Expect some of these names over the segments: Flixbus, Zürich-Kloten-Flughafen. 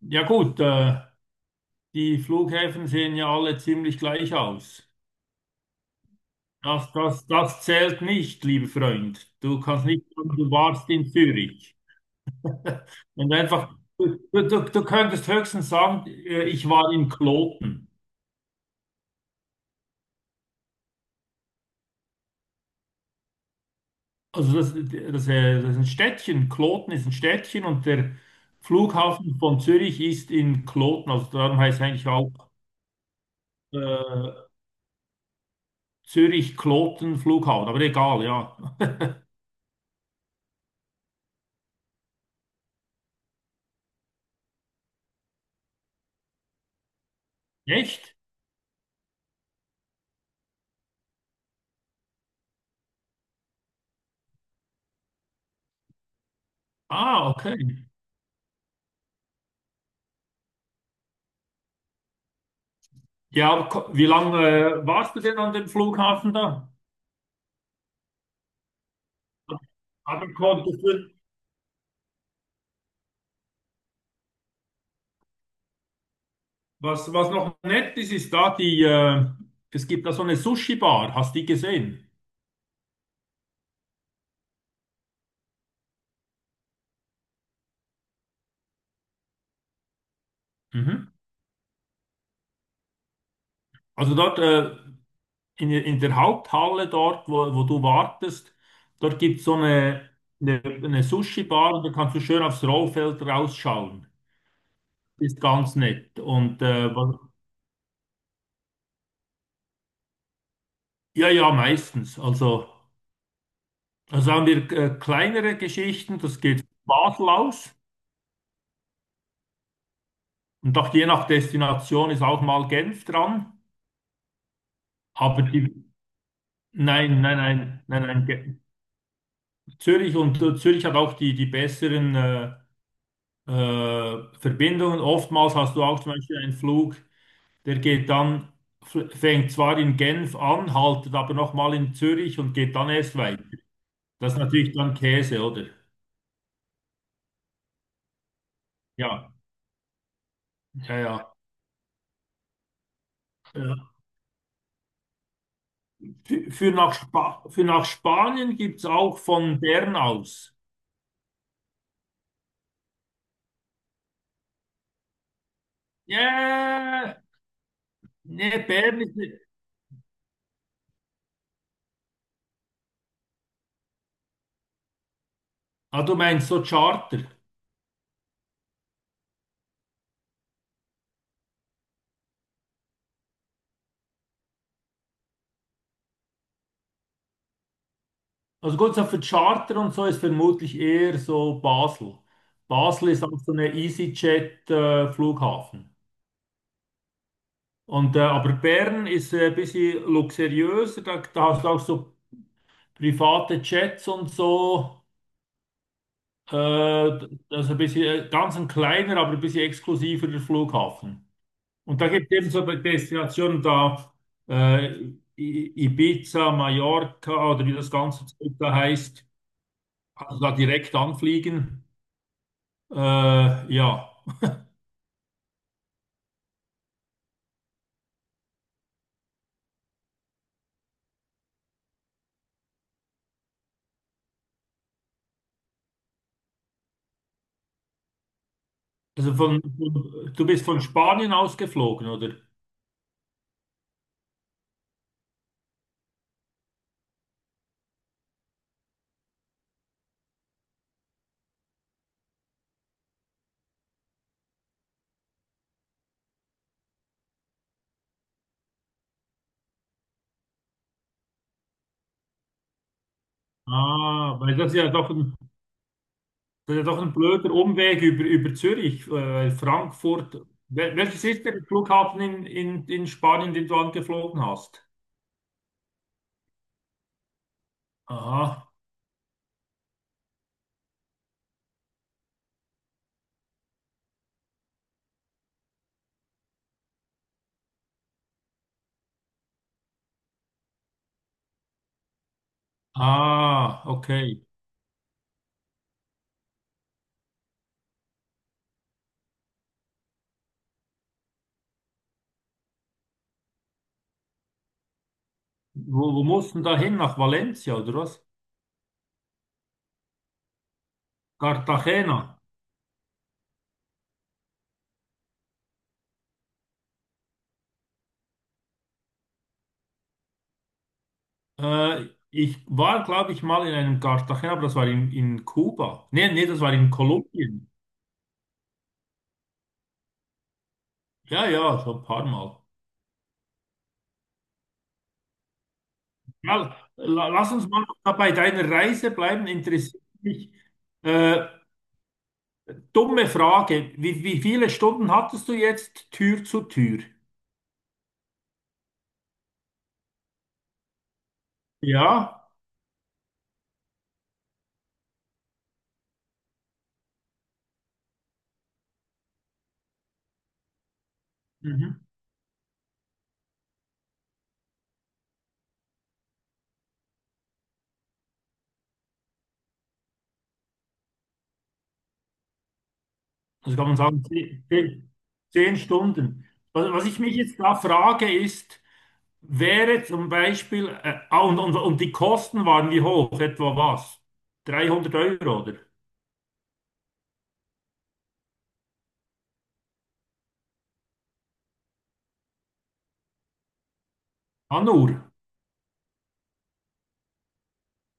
Ja gut, die Flughäfen sehen ja alle ziemlich gleich aus. Das zählt nicht, lieber Freund. Du kannst nicht sagen, du warst in Zürich. Und einfach, du könntest höchstens sagen, ich war in Kloten. Also das ist ein Städtchen. Kloten ist ein Städtchen und der Flughafen von Zürich ist in Kloten. Also darum heißt eigentlich auch äh, Zürich-Kloten-Flughafen. Aber egal, ja. Echt? Ah, okay. Ja, aber wie lange warst du denn an dem Flughafen da? Aber konntest du, was noch nett ist, ist da es gibt da so eine Sushi-Bar, hast du die gesehen? Mhm. Also dort in der Haupthalle dort, wo du wartest, dort gibt es so eine Sushi-Bar und da kannst du schön aufs Rollfeld rausschauen. Ist ganz nett. Und ja, ja, meistens. Also, haben wir kleinere Geschichten, das geht von Basel aus. Und doch je nach Destination ist auch mal Genf dran. Aber die, nein, nein, nein, nein, nein. Zürich und Zürich hat auch die besseren Verbindungen. Oftmals hast du auch zum Beispiel einen Flug, der geht dann, fängt zwar in Genf an, haltet aber nochmal in Zürich und geht dann erst weiter. Das ist natürlich dann Käse, oder? Ja, ja, ja. Äh, für nach Spanien gibt es auch von Bern aus. Ja, yeah! Nee, Bern ist. Ah, du meinst so Charter. Also gut, so für Charter und so ist vermutlich eher so Basel. Basel ist auch so eine EasyJet-Flughafen. Und aber Bern ist ein bisschen luxuriöser, da hast du auch so private Jets und so. Äh, das ist ein bisschen ganz ein kleiner, aber ein bisschen exklusiverer Flughafen. Und da gibt es eben so Destinationen da, Ibiza, Mallorca oder wie das ganze Zeug da heißt. Kannst du da direkt anfliegen? Ja. Also du bist von Spanien ausgeflogen, oder? Ah, weil das ist ja doch ein blöder Umweg über Zürich, weil Frankfurt. Welches ist der Flughafen in, in Spanien, den du angeflogen hast? Aha. Ah, okay. Wo mussten da hin? Nach Valencia, oder was? Cartagena. Ich war, glaube ich, mal in einem Cartagena, aber das war in Kuba. Nee, nee, das war in Kolumbien. Ja, ja, so ein paar Mal. Ja, lass uns mal noch bei deiner Reise bleiben. Interessiert mich. Äh, dumme Frage. Wie viele Stunden hattest du jetzt Tür zu Tür? Ja, mhm. Also kann man sagen, zehn Stunden. Also was ich mich jetzt da frage, ist, wäre zum Beispiel, und die Kosten waren wie hoch? Etwa was? 300 Euro, oder? Ah, nur.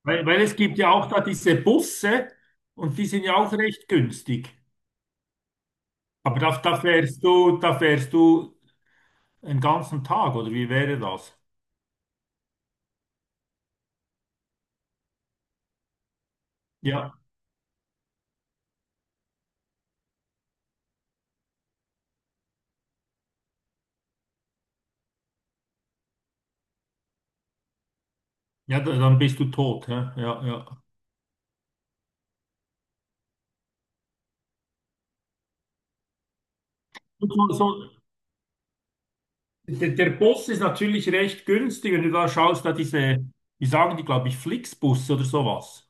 Weil es gibt ja auch da diese Busse und die sind ja auch recht günstig. Aber da fährst du einen ganzen Tag, oder wie wäre das? Ja, ja, dann bist du tot. Ja, ja, ja. Und der Bus ist natürlich recht günstig, wenn du da schaust, wie sagen die, glaube ich, Flixbus oder sowas.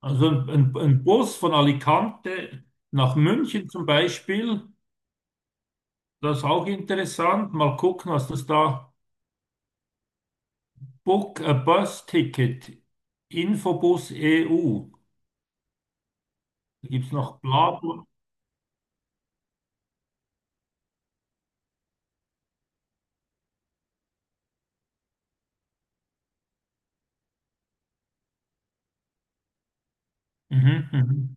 Also ein Bus von Alicante nach München zum Beispiel, das ist auch interessant. Mal gucken, was das da. Book a Bus Ticket, Infobus EU. Da gibt es noch bla bla. Mhm, mhm.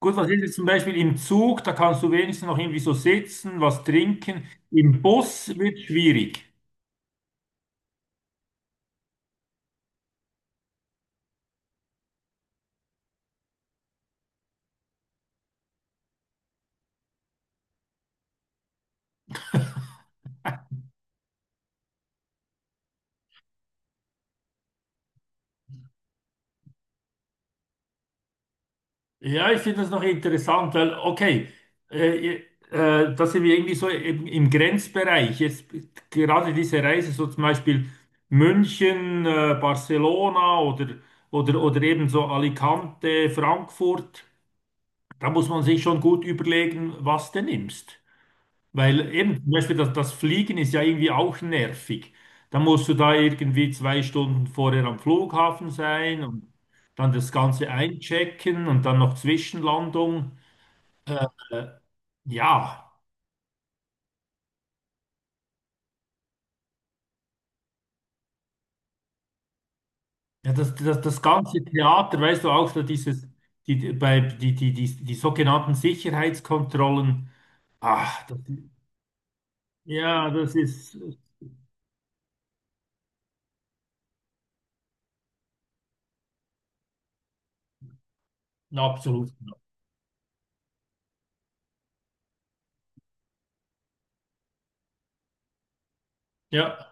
Gut, was ist jetzt zum Beispiel im Zug? Da kannst du wenigstens noch irgendwie so sitzen, was trinken. Im Bus wird schwierig. Ja, ich finde das noch interessant, weil, okay, äh, da sind wir irgendwie so im Grenzbereich. Jetzt gerade diese Reise, so zum Beispiel München, Barcelona oder eben so Alicante, Frankfurt. Da muss man sich schon gut überlegen, was du nimmst. Weil eben, zum Beispiel das Fliegen ist ja irgendwie auch nervig. Da musst du da irgendwie 2 Stunden vorher am Flughafen sein und dann das Ganze einchecken und dann noch Zwischenlandung. Äh, äh, ja, ja das ganze Theater, weißt du auch, so dieses, bei, die sogenannten Sicherheitskontrollen. Ach, ja, das ist absolut. Ja.